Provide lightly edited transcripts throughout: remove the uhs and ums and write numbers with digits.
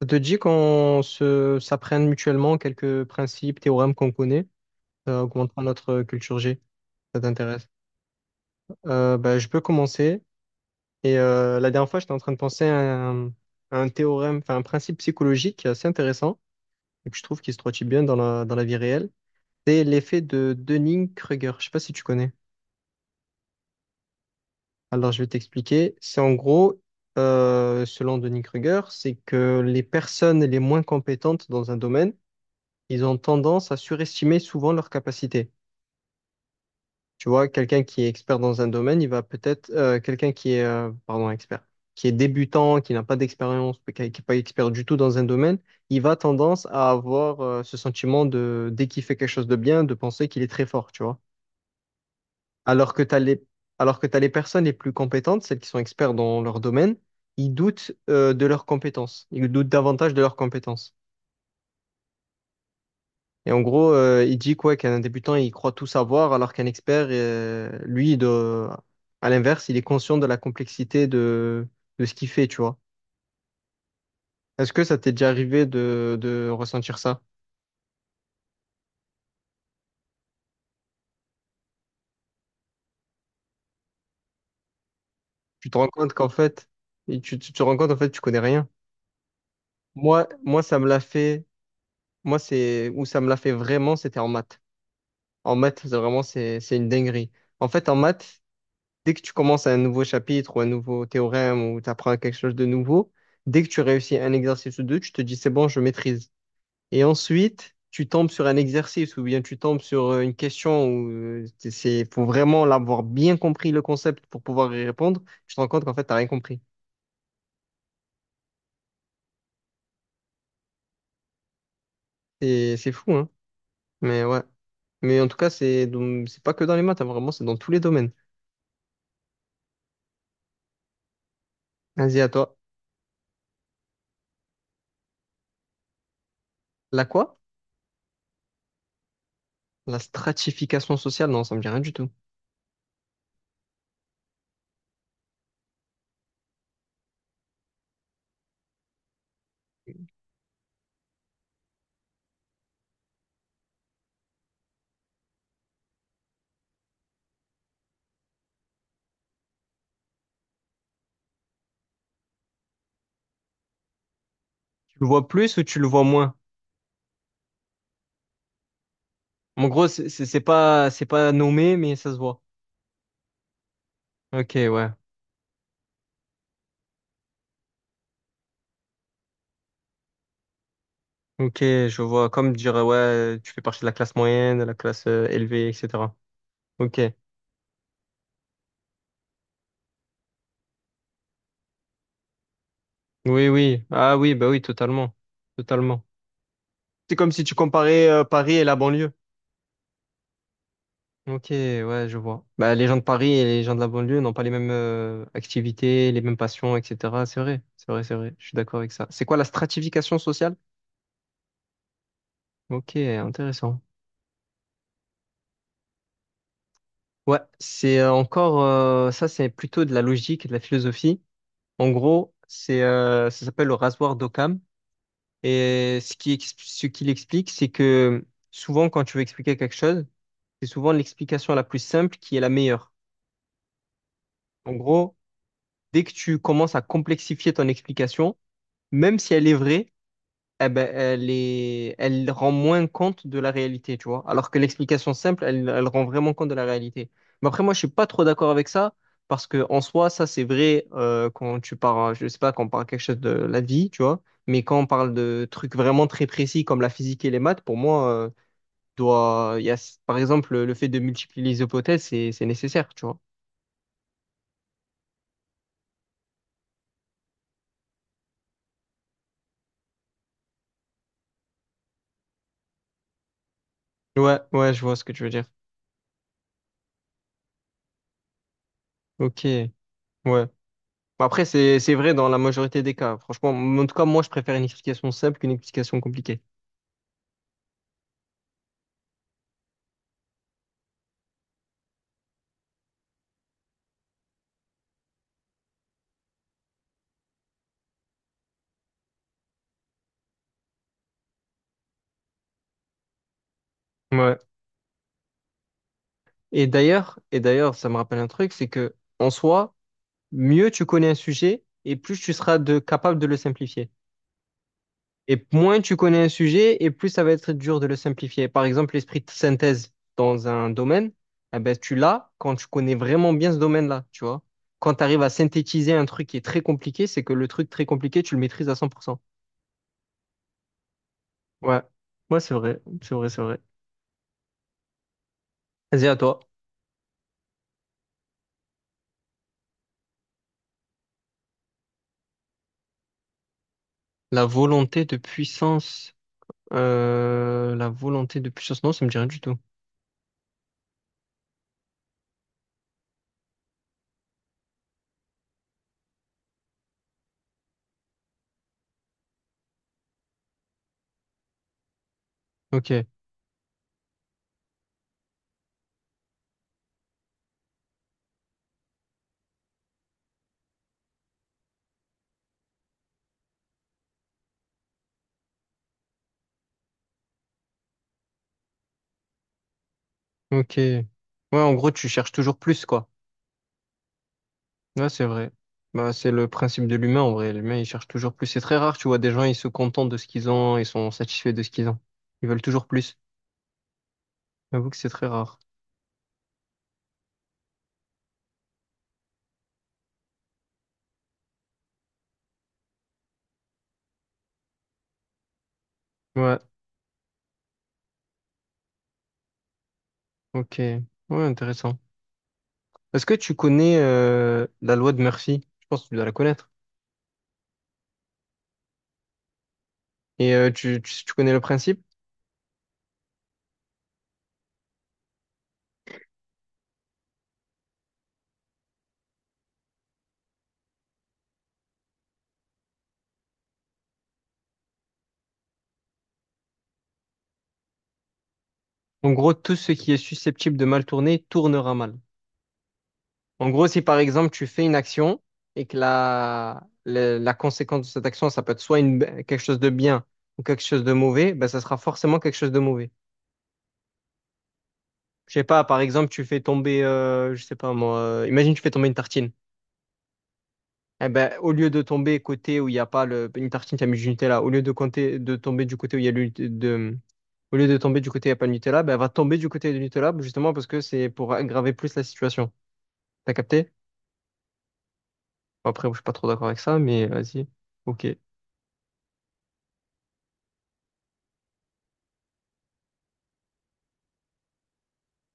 Ça te dit qu'on se s'apprenne mutuellement quelques principes, théorèmes qu'on connaît, augmentera notre culture G. Ça t'intéresse? Je peux commencer. Et la dernière fois, j'étais en train de penser à un théorème, enfin un principe psychologique qui est assez intéressant et que je trouve qui se traduit bien dans dans la vie réelle. C'est l'effet de Dunning-Kruger. Je sais pas si tu connais. Alors, je vais t'expliquer. C'est en gros, selon Dunning-Kruger, c'est que les personnes les moins compétentes dans un domaine ils ont tendance à surestimer souvent leurs capacités. Tu vois, quelqu'un qui est expert dans un domaine, il va peut-être, quelqu'un qui est, pardon, expert, qui est débutant, qui n'a pas d'expérience, qui n'est pas expert du tout dans un domaine, il va tendance à avoir, ce sentiment de, dès qu'il fait quelque chose de bien, de penser qu'il est très fort, tu vois. Alors que t'as les, alors que t'as les personnes les plus compétentes, celles qui sont experts dans leur domaine, ils doutent, de leurs compétences. Ils doutent davantage de leurs compétences. Et en gros, il dit quoi qu'un débutant, il croit tout savoir, alors qu'un expert, lui, à l'inverse, il est conscient de la complexité de ce qu'il fait, tu vois. Est-ce que ça t'est déjà arrivé de ressentir ça? Tu te rends compte qu'en fait, et tu te rends compte en fait, tu connais rien. Moi, ça me l'a fait. Moi, c'est où ça me l'a fait vraiment, c'était en maths. En maths, c'est une dinguerie. En fait, en maths, dès que tu commences un nouveau chapitre ou un nouveau théorème ou tu apprends quelque chose de nouveau, dès que tu réussis un exercice ou deux, tu te dis c'est bon, je maîtrise. Et ensuite, tu tombes sur un exercice ou bien tu tombes sur une question où faut vraiment l'avoir bien compris le concept pour pouvoir y répondre. Tu te rends compte qu'en fait, t'as rien compris. C'est fou, hein? Mais ouais. Mais en tout cas, c'est pas que dans les maths, hein, vraiment, c'est dans tous les domaines. Vas-y, à toi. La quoi? La stratification sociale? Non, ça me dit rien du tout. Tu le vois plus ou tu le vois moins? En gros, c'est pas nommé, mais ça se voit. Ok, ouais. Ok, je vois. Comme dire, ouais, tu fais partie de la classe moyenne, de la classe élevée, etc. Ok. Oui, oui. Ah oui, bah oui, totalement. Totalement. C'est comme si tu comparais Paris et la banlieue. Ok, ouais, je vois. Bah, les gens de Paris et les gens de la banlieue n'ont pas les mêmes activités, les mêmes passions, etc. C'est vrai, c'est vrai, c'est vrai. Je suis d'accord avec ça. C'est quoi la stratification sociale? Ok, intéressant. Ouais, ça, c'est plutôt de la logique et de la philosophie. En gros, c'est ça s'appelle le rasoir d'Occam. Et ce qu'il explique, c'est que souvent, quand tu veux expliquer quelque chose, c'est souvent l'explication la plus simple qui est la meilleure. En gros, dès que tu commences à complexifier ton explication, même si elle est vraie, eh ben, elle rend moins compte de la réalité, tu vois. Alors que l'explication simple, elle, elle rend vraiment compte de la réalité. Mais après, moi, je suis pas trop d'accord avec ça, parce que en soi, ça, c'est vrai quand tu parles, je sais pas, quand on parle quelque chose de la vie, tu vois. Mais quand on parle de trucs vraiment très précis comme la physique et les maths, pour moi, doit, il y a, par exemple, le fait de multiplier les hypothèses, c'est nécessaire, tu vois. Ouais, ouais, je vois ce que tu veux dire. Ok, ouais. Bah, après, c'est vrai dans la majorité des cas. Franchement, en tout cas, moi, je préfère une explication simple qu'une explication compliquée. Ouais. Et d'ailleurs, ça me rappelle un truc, c'est que en soi, mieux tu connais un sujet et plus tu seras capable de le simplifier. Et moins tu connais un sujet et plus ça va être dur de le simplifier. Par exemple, l'esprit de synthèse dans un domaine, eh ben, tu l'as quand tu connais vraiment bien ce domaine-là, tu vois. Quand tu arrives à synthétiser un truc qui est très compliqué, c'est que le truc très compliqué, tu le maîtrises à cent pour cent. Ouais. Ouais, c'est vrai. C'est vrai, c'est vrai. Vas-y, à toi. La volonté de puissance. La volonté de puissance. Non, ça me dit rien du tout. Ok, ok. Ouais, en gros, tu cherches toujours plus, quoi. Ouais, c'est vrai. Bah, c'est le principe de l'humain, en vrai. L'humain, il cherche toujours plus. C'est très rare, tu vois, des gens, ils se contentent de ce qu'ils ont, ils sont satisfaits de ce qu'ils ont. Ils veulent toujours plus. J'avoue que c'est très rare. Ouais, ok. Ouais, intéressant. Est-ce que tu connais la loi de Murphy? Je pense que tu dois la connaître. Et tu connais le principe? En gros, tout ce qui est susceptible de mal tourner tournera mal. En gros, si par exemple tu fais une action et que la conséquence de cette action, ça peut être quelque chose de bien ou quelque chose de mauvais, ben, ça sera forcément quelque chose de mauvais. Je sais pas, par exemple, tu fais tomber, je sais pas moi, imagine tu fais tomber une tartine. Eh ben, au lieu de tomber côté où il n'y a pas le, une tartine, tu as mis du Nutella. Au lieu de, compter, de tomber du côté où il y a le, de, au lieu de tomber du côté où il n'y a pas de Nutella, ben, elle va tomber du côté du Nutella justement parce que c'est pour aggraver plus la situation. T'as capté? Bon, après, je suis pas trop d'accord avec ça, mais vas-y. Ok.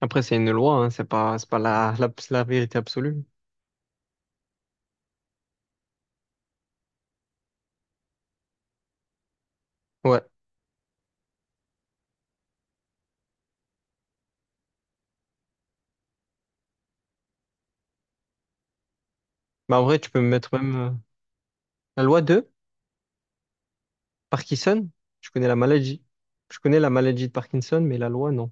Après, c'est une loi, hein, c'est pas la, la, la vérité absolue. Ouais. Bah, en vrai, tu peux me mettre même la loi de Parkinson. Je connais la maladie. Je connais la maladie de Parkinson, mais la loi, non.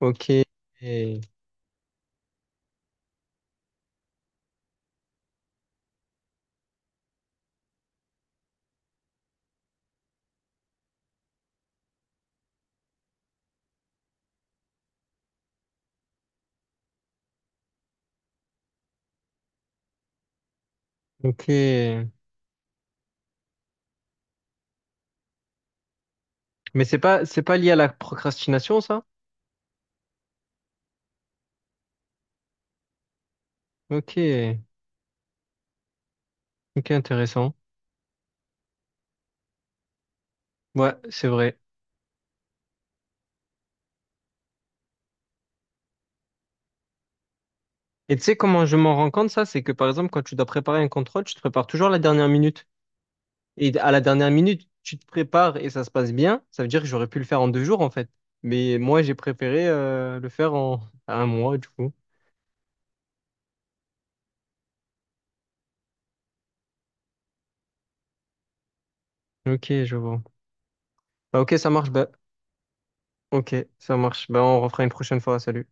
Ok. Et- Ok. Mais c'est pas lié à la procrastination, ça? Ok. Ok, intéressant. Ouais, c'est vrai. Et tu sais comment je m'en rends compte, ça? C'est que par exemple, quand tu dois préparer un contrôle, tu te prépares toujours à la dernière minute. Et à la dernière minute, tu te prépares et ça se passe bien. Ça veut dire que j'aurais pu le faire en deux jours, en fait. Mais moi, j'ai préféré le faire en à un mois, du coup. Ok, je vois. Bah, ok, ça marche. Bah, ok, ça marche. Bah, on refera une prochaine fois. Salut.